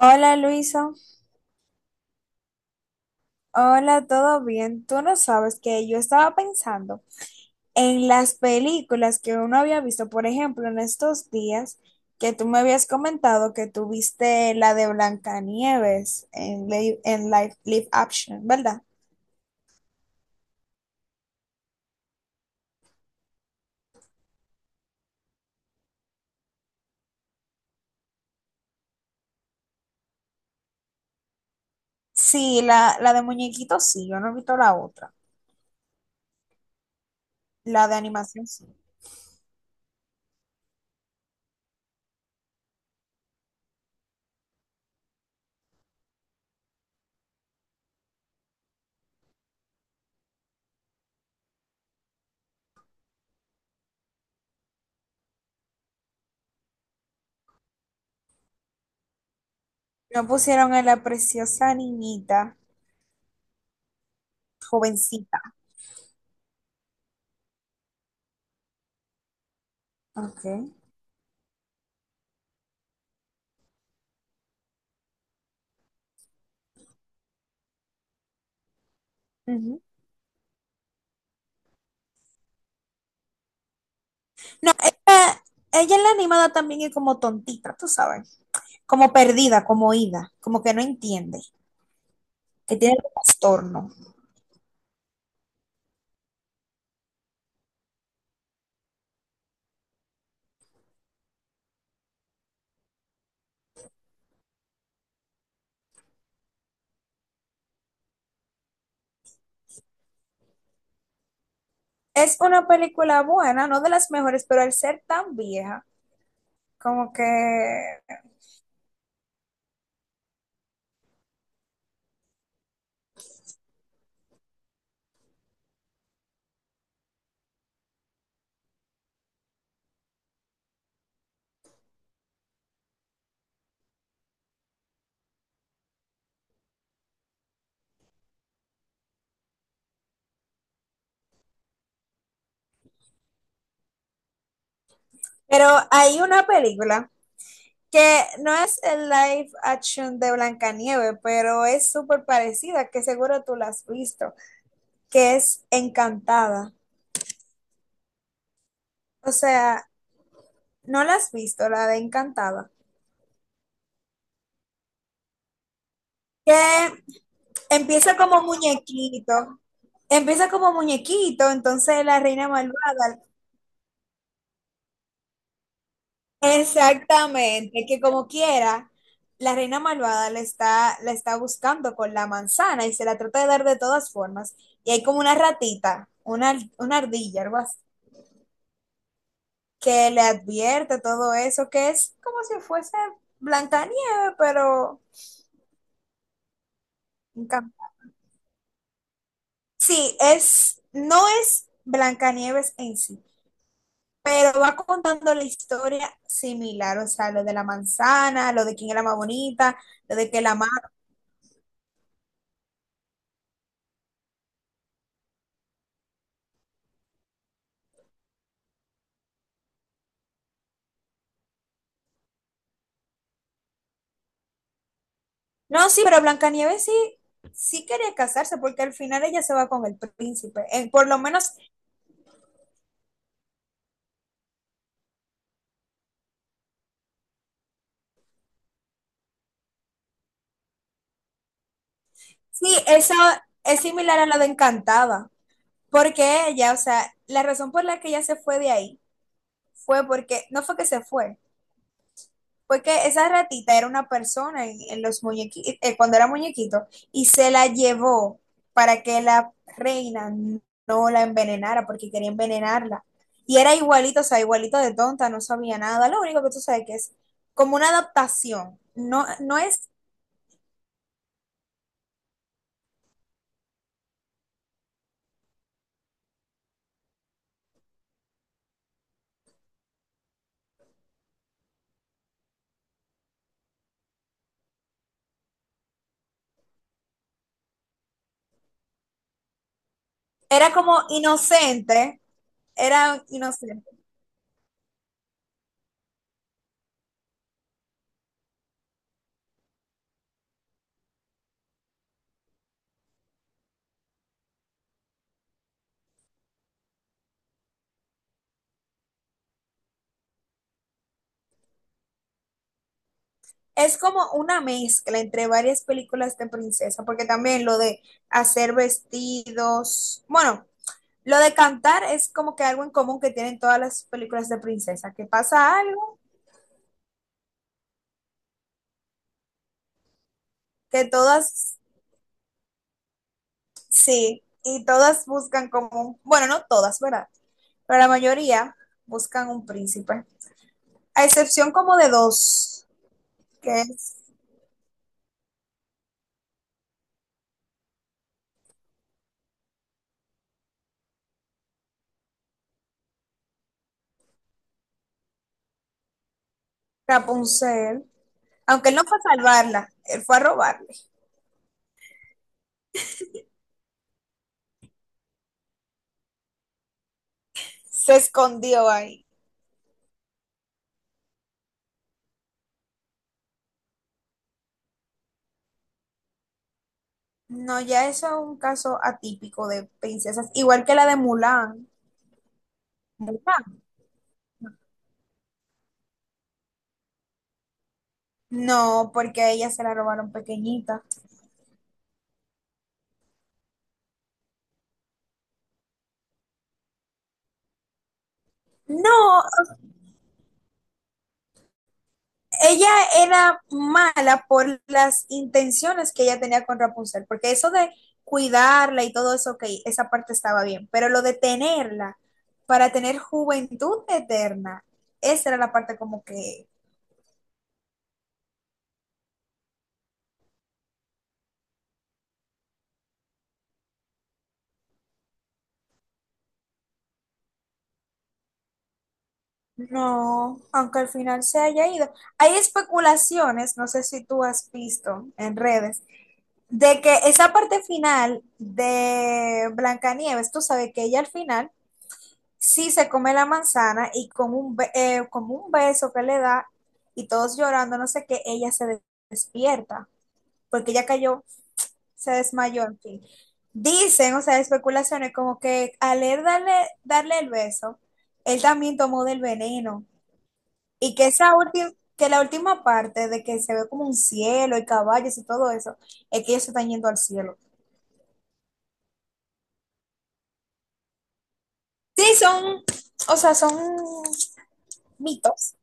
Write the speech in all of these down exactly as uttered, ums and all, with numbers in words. Hola Luisa, hola, ¿todo bien? Tú no sabes que yo estaba pensando en las películas que uno había visto, por ejemplo, en estos días que tú me habías comentado que tú viste la de Blancanieves en, li- en live, live action, ¿verdad? Sí, la, la de muñequitos sí, yo no he visto la otra, la de animación sí. No pusieron a la preciosa niñita, jovencita. Ok. Ujú. No, ella, ella en la animada también es como tontita, tú sabes, como perdida, como oída, como que no entiende, que tiene trastorno. Es una película buena, no de las mejores, pero al ser tan vieja, como que... Pero hay una película que no es el live action de Blancanieves, pero es súper parecida, que seguro tú la has visto, que es Encantada. O sea, no la has visto, la de Encantada. Que empieza como muñequito, empieza como muñequito, entonces la reina malvada. Exactamente, que como quiera, la reina malvada la está, la está buscando con la manzana y se la trata de dar de todas formas. Y hay como una ratita, una, ar- una ardilla, algo así, que le advierte todo eso, que es como si fuese Blancanieve, pero... en cam- Sí, es, no es Blancanieves en sí, pero va contando la historia similar, o sea, lo de la manzana, lo de quién era más bonita, lo de que la... No, sí, pero Blancanieves sí, sí quería casarse porque al final ella se va con el príncipe. Eh, por lo menos, sí, eso es similar a lo de Encantada, porque ella, o sea, la razón por la que ella se fue de ahí fue porque, no fue que se fue. Porque esa ratita era una persona en, en los muñequitos, cuando era muñequito, y se la llevó para que la reina no la envenenara, porque quería envenenarla. Y era igualito, o sea, igualito de tonta, no sabía nada. Lo único que tú sabes que es como una adaptación. No, no es, era como inocente, era inocente. Es como una mezcla entre varias películas de princesa, porque también lo de hacer vestidos, bueno. Lo de cantar es como que algo en común que tienen todas las películas de princesa, que pasa algo, que todas, sí, y todas buscan como, un- bueno, no todas, ¿verdad? Pero la mayoría buscan un príncipe, a excepción como de dos, que es Rapunzel, aunque él no fue a salvarla, él fue a robarle, se escondió ahí. No, ya eso es un caso atípico de princesas, igual que la de Mulan. Mulan. No, porque a ella se la robaron pequeñita. No, ella era mala por las intenciones que ella tenía con Rapunzel, porque eso de cuidarla y todo eso, ok, esa parte estaba bien, pero lo de tenerla para tener juventud eterna, esa era la parte como que no, aunque al final se haya ido. Hay especulaciones, no sé si tú has visto en redes, de que esa parte final de Blancanieves, tú sabes que ella al final sí se come la manzana y con un, be- eh, como un beso que le da y todos llorando, no sé qué, ella se de- despierta porque ella cayó, se desmayó, en fin. Dicen, o sea, especulaciones como que al él darle, darle el beso, él también tomó del veneno y que esa última, que la última parte de que se ve como un cielo y caballos y todo eso, es que ellos se están yendo al cielo. Sí, son, o sea, son mitos.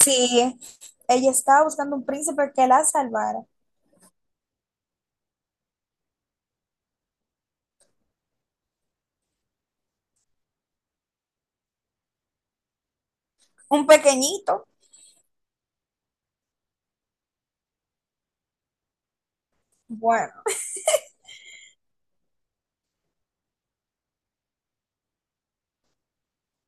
Sí, ella estaba buscando un príncipe que la salvara. Un pequeñito, bueno.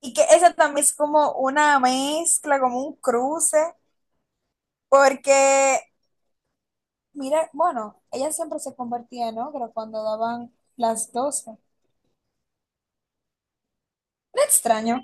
Y que esa también es como una mezcla, como un cruce, porque, mira, bueno, ella siempre se convertía en ogro cuando daban las 12. No extraño.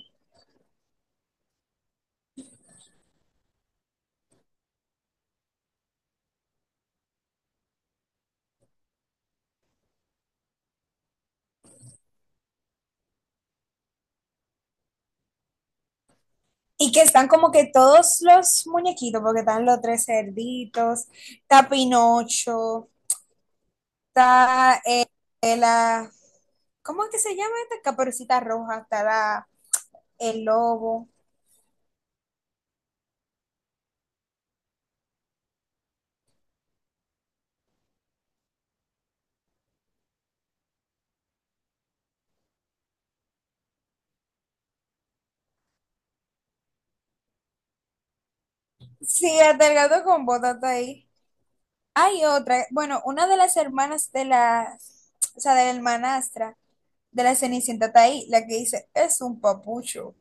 Y que están como que todos los muñequitos, porque están los tres cerditos, está Pinocho, está eh, eh, la, ¿cómo es que se llama esta? Caperucita Roja, está la, el lobo. Sí, hasta el gato con botas está ahí. Hay otra, bueno, una de las hermanas de la, o sea, de la hermanastra de la Cenicienta está ahí, la que dice, es un papucho.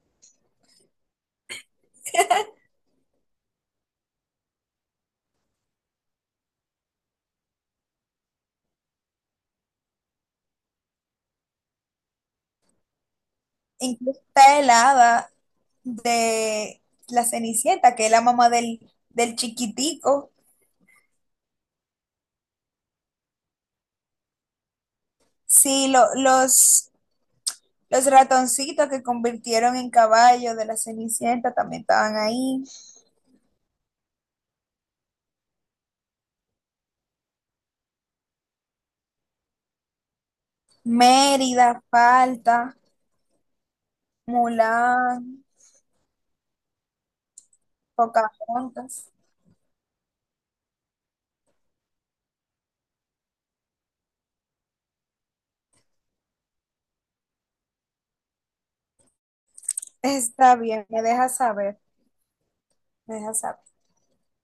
Incluso está el hada de la Cenicienta, que es la mamá del, del chiquitico. Sí, lo- los, los ratoncitos que convirtieron en caballo de la Cenicienta también estaban ahí. Mérida, falta, Mulán, Pocahontas. Está bien, me dejas saber, me dejas saber.